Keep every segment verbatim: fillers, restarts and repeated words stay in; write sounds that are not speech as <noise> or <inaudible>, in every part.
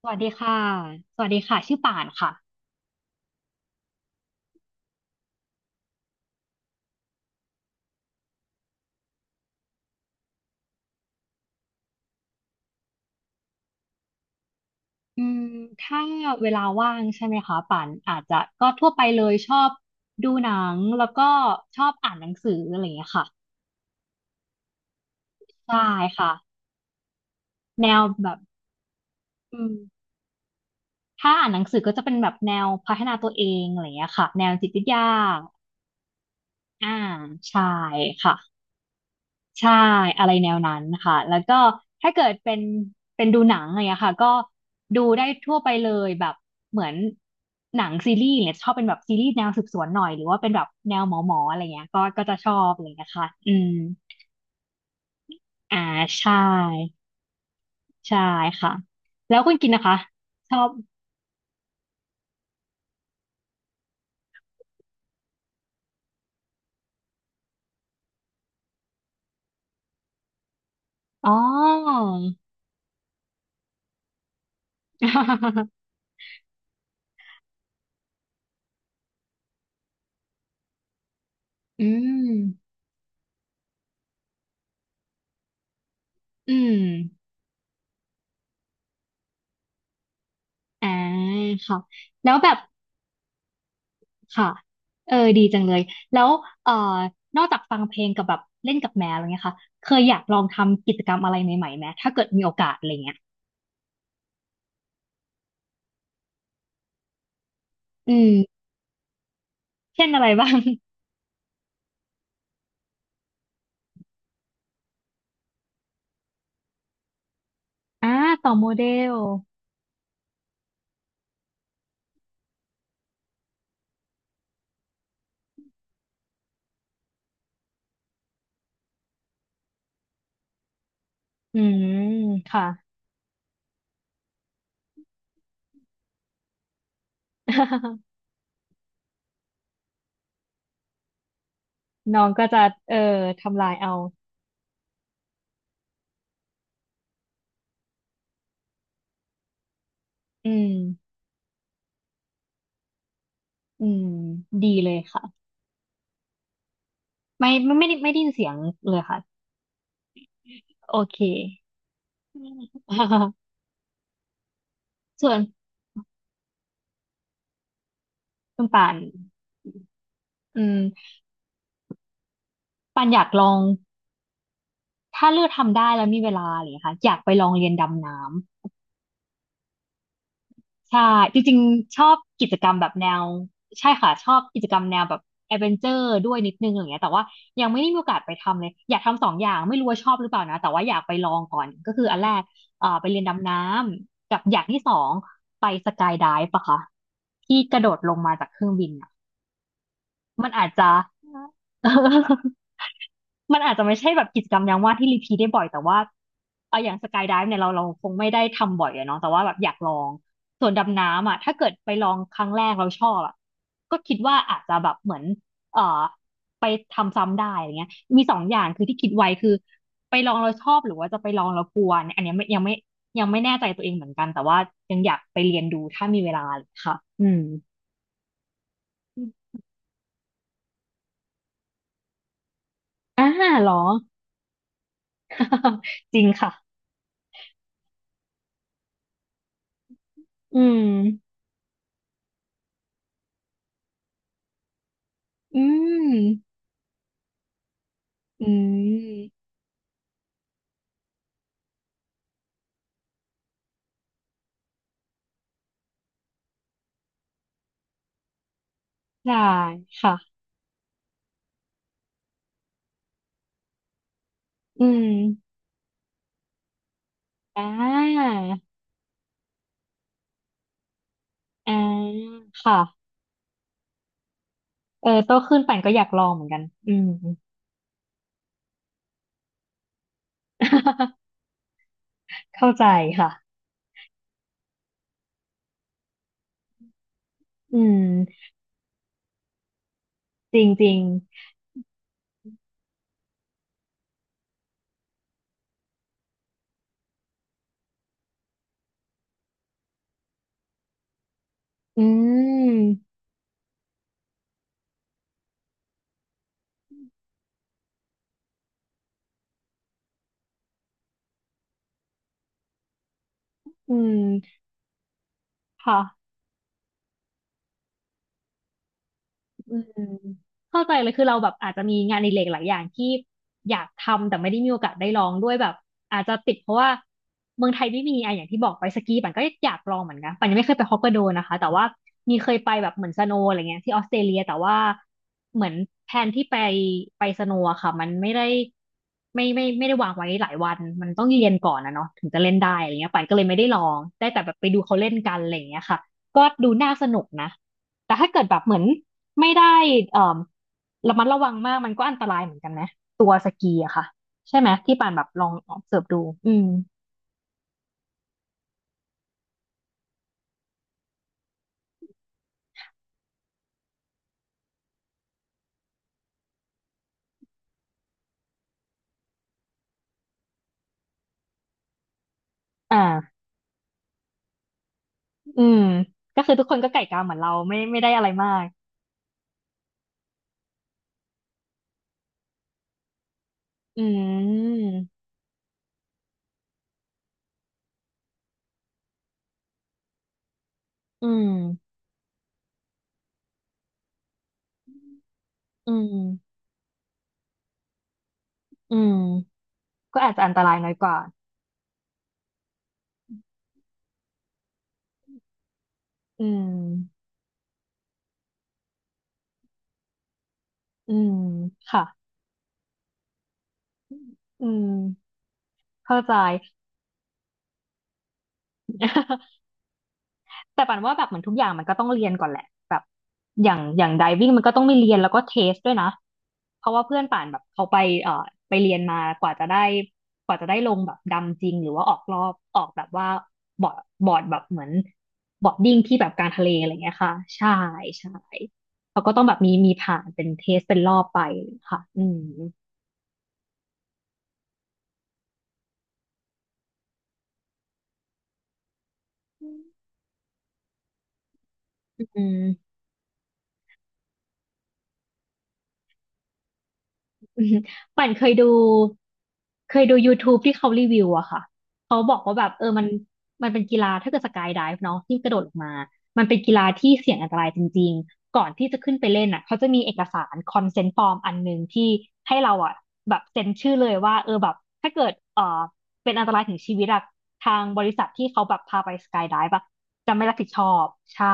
สวัสดีค่ะสวัสดีค่ะ ชื่อป่านค่ะอืมถ้าเวลาว่างใช่ไหมคะป่านอาจจะก็ทั่วไปเลยชอบดูหนังแล้วก็ชอบอ่านหนังสืออะไรอย่างเงี้ยค่ะใช่ค่ะ แนวแบบอืมถ้าอ่านหนังสือก็จะเป็นแบบแนวพัฒนาตัวเองอะไรอย่างเงี้ยค่ะแนวจิตวิทยาอ่าใช่ค่ะ ใช่อะไรแนวนั้นค่ะแล้วก็ถ้าเกิดเป็นเป็นดูหนังอะไรอย่างเงี้ยค่ะก็ดูได้ทั่วไปเลยแบบเหมือนหนังซีรีส์เนี่ยชอบเป็นแบบซีรีส์แนวสืบสวนหน่อยหรือว่าเป็นแบบแนวหมอหมออะไรเงี้ยก็ก็จะชอบอะไรเงี้ยค่ะอืมอ่าใช่ใช่ค่ะแล้วคุณกินนะคะชอบอ๋อ <laughs> อืมอืมอ่าค่ะแล้วแบบ ค่ะเออดีจังเลยแล้วเอ่อนอกจากฟังเพลงกับแบบเล่นกับแมวอะไรเงี้ยค่ะเคยอยากลองทำกิจกรรมอะไรใหม่ๆไหมถ้าเกิดมีโอกาสอะไรเงี้ยอืมเช่นอะไรบ้างอ่าต่อโมเดลอืมค่ะ <laughs> น้องก็จะเออทำลายเอาอืมอืมดีเลยค่ะไม่ไม่ไม่ได้ไม่ได้ยินเสียงเลยค่ะโอเค <laughs> ส่วนคุณป่านอืมปันอยากลอง ถ้าเลือกทำได้แล้วมีเวลาอะไรอย่างเลยค่ะอยากไปลองเรียนดำน้ำใช่จริงๆชอบกิจกรรมแบบแนวใช่ค่ะชอบกิจกรรมแนวแบบแอดเวนเจอร์ด้วยนิดนึงอะไรอย่างเงี้ยแต่ว่ายังไม่ได้มีโอกาสไปทำเลยอยากทำสองอย่างไม่รู้ว่าชอบหรือเปล่านะแต่ว่าอยากไปลองก่อนก็คืออันแรกเอ่อไปเรียนดำน้ำกับอย่างที่สองไปสกายไดฟ์ปะคะที่กระโดดลงมาจากเครื่องบินอะมันอาจจะ <laughs> มันอาจจะไม่ใช่แบบกิจกรรมยามว่างที่รีพีทได้บ่อยแต่ว่าเอาอย่างสกายไดฟ์เนี่ยเราเราคงไม่ได้ทำบ่อยอะเนาะแต่ว่าแบบอยากลองส่วนดำน้ำอ่ะถ้าเกิดไปลองครั้งแรกเราชอบอะก็คิดว่าอาจจะแบบเหมือนเอ่อไปทำซ้ำได้อะไรเงี้ยมีสองอย่างคือที่คิดไว้คือไปลองเราชอบหรือว่าจะไปลองเรากลัวเนี่ยอันเนี้ยไม่ยังไม่ยังไม่แน่ใจตัวเองเหมือนกันแต่ว่ายังอยากไปเรียนดูถ้ามีเวลาค่ะอืมอ่าเหรอ <laughs> จริงค่ะอืมอืม อืมได้ค่ะ อืมอ่าอ่าค่ะ เออโตขึ้นปั่นก็อยากลองเหมือนกัน อืม <laughs> เข้าใจค่ะ อืม จริงจริง อืม อืม ค่ะ อืมเข้าใจเลยคือเราแบบอาจจะมีงานอดิเรกหลายอย่างที่อยากทำแต่ไม่ได้มีโอกาสได้ลองด้วยแบบอาจจะติดเพราะว่าเมืองไทยไม่มีอ่ะอย่างที่บอกไปสกีปั่นก็อยากลองเหมือนกันปั่นยังไม่เคยไปฮอกไกโดนะคะแต่ว่ามีเคยไปแบบเหมือนสโนว์อะไรเงี้ยที่ออสเตรเลียแต่ว่าเหมือนแผนที่ไปไปสโนว์อะค่ะมันไม่ได้ไม่ไม่ไม่ได้วางไว้หลายวันมันต้องเรียนก่อนนะเนาะถึงจะเล่นได้อะไรเงี้ยปั่นก็เลยไม่ได้ลองได้แต่แบบไปดูเขาเล่นกันอะไรเงี้ยค่ะก็ดูน่าสนุกนะแต่ถ้าเกิดแบบเหมือน ไม่ได้เอ่อระมัดระวังมากมันก็อันตรายเหมือนกันนะตัวสกีอะค่ะใช่ไหมที่ป่านแบบลองเสิร์ฟดูอืมอ่าอืมก็คือทุกคนก็ไก่กาเหมือนเราไม่ไม่ได้อะไรมากอืมอืมอืมอืมก็อาจจะอันตรายน้อยกว่าอืมอืมค่ะอืมเข้าใจ <laughs> แต่ปันว่าแบบเหมือนทุกอย่างมันก็ต้องเรียนก่อนแหละแบบอย่างอย่างไดวิ่งมันก็ต้องมีเรียนแล้วก็เทสด้วยนะ เพราะว่าเพื่อนป่านแบบเขาไปเอ่อไปเรียนมากว่าจะได้กว่าจะได้ลงแบบดำจริงหรือว่าออกรอบออกแบบว่าบอร์ดบอร์ดแบบเหมือนบอร์ดดิ้งที่แบบกลางทะเลอะไรเงี้ยค่ะใช่ใช่เขาก็ต้องแบบมีมีผ่านเป็นเทสเป็นรอบไปค่ะอืมอืม อืมปั่นเคยดูเคยดู ยูทูบ ที่เขารีวิวอะค่ะเขาบอกว่าแบบเออมันมันเป็นกีฬาถ้าเกิดสกายไดฟ์เนาะที่กระโดดลงมามันเป็นกีฬาที่เสี่ยงอันตรายจริงๆก่อนที่จะขึ้นไปเล่นอะเขาจะมีเอกสารคอนเซนต์ฟอร์มอันหนึ่งที่ให้เราอะแบบเซ็นชื่อเลยว่าเออแบบถ้าเกิดเออเป็นอันตรายถึงชีวิตอะทางบริษัทที่เขาแบบพาไปสกายไดฟ์อะจะไม่รับผิดชอบใช่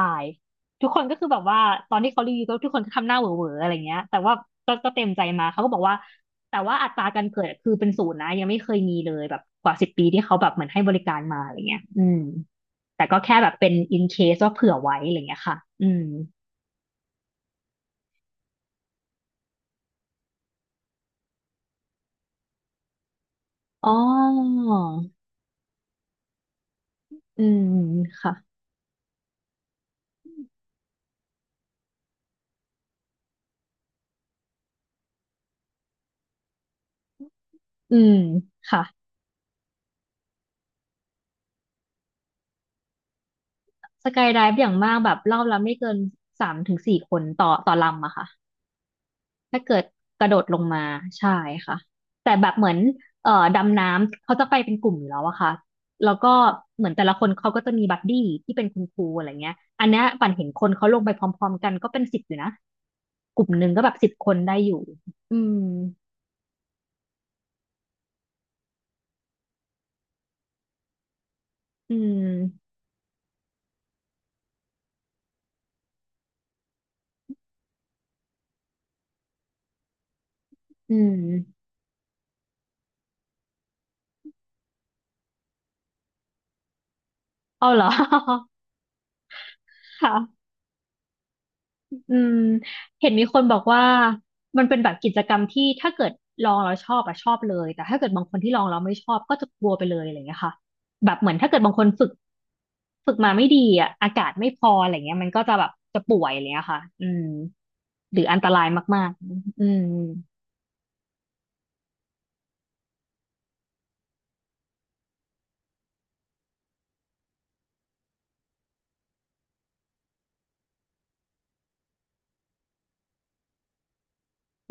ทุกคนก็คือแบบว่าตอนที่เขารีวิวก็ทุกคนก็ทำหน้าเหวอๆอะไรเงี้ยแต่ว่าก็ก็เต็มใจมาเขาก็บอกว่าแต่ว่าอัตราการเกิดคือเป็นศูนย์นะยังไม่เคยมีเลยแบบกว่าสิบปีที่เขาแบบเหมือนให้บริการมาอะไรเงี้ยอืมแต่ก็แค่แบบเป็น in case ว่าเผื่อไว้อะไรเงี้ยค่ะอืมอ๋ออืมค่ะอืมค่ะสกายไดฟ์อย่างมากแบบรอบละไม่เกินสามถึงสี่คนต่อต่อลำอะค่ะ ถ้าเกิดกระโดดลงมาใช่ค่ะแต่แบบเหมือนเอ่อดำน้ำเขาจะไปเป็นกลุ่มอยู่แล้วอะค่ะแล้วก็เหมือนแต่ละคนเขาก็จะมีบัดดี้ที่เป็นคุณครูอะไรเงี้ยอันเนี้ยปั่นเห็นคนเขาลงไปพร้อมๆกันก็เป็นสิบอยู่นะกลุ่มหนึ่งก็แบบสิบคนได้อยู่อืมอืมอืมอ๋อาเหรอ <laughs> ค่ะ อืมเห็นมีคนบอกว่ามันเป็นแบบกิจกรรมที่ถ้าเกิดลองแล้วชอบอะชอบเลยแต่ถ้าเกิดบางคนที่ลองแล้วไม่ชอบก็จะกลัวไปเลยอะไรอย่างเงี้ยค่ะแบบเหมือนถ้าเกิดบางคนฝึกฝึกมาไม่ดีอะอากาศไม่พออะไรเงี้ยมันก็จะแบบจะป่วยอะไรเงี้ยค่ะอืมหรืออันตรายมากๆอืม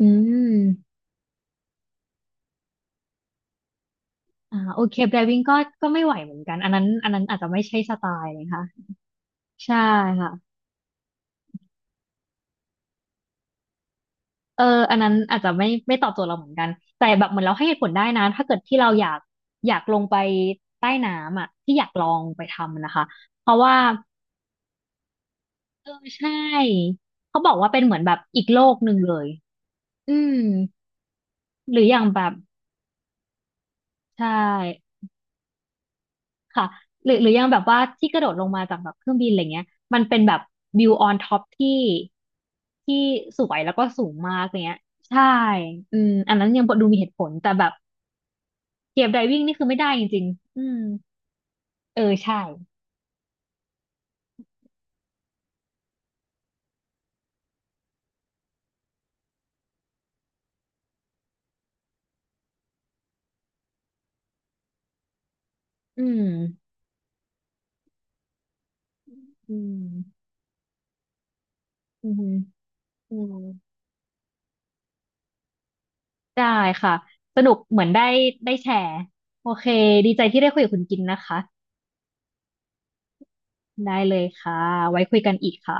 อืมอ่าโอเคไดวิ่งก็ก็ไม่ไหวเหมือนกันอันนั้นอันนั้นอาจจะไม่ใช่สไตล์เลยค่ะใช่ค่ะ เอออันนั้นอาจจะไม่ไม่ตอบโจทย์เราเหมือนกันแต่แบบเหมือนเราให้เหตุผลได้นะถ้าเกิดที่เราอยากอยากลงไปใต้น้ำอ่ะที่อยากลองไปทำนะคะเพราะว่าเออใช่เขาบอกว่าเป็นเหมือนแบบอีกโลกหนึ่งเลยอืมหรืออย่างแบบใช่ค่ะหรือหรืออย่างแบบว่าที่กระโดดลงมาจากแบบเครื่องบินอะไรเงี้ยมันเป็นแบบวิวออนท็อปที่ที่สวยแล้วก็สูงมากเงี้ยใช่อืมอันนั้นยังดูมีเหตุผลแต่แบบ เกียรไดวิ่งนี่คือไม่ได้จริงๆอืมเออใช่อืมอืมอืมอืมได้ค่ะ สนุกเหมือนได้ได้แชร์ โอเคดีใจที่ได้คุยกับคุณกินนะคะ ได้เลยค่ะ ไว้คุยกันอีกค่ะ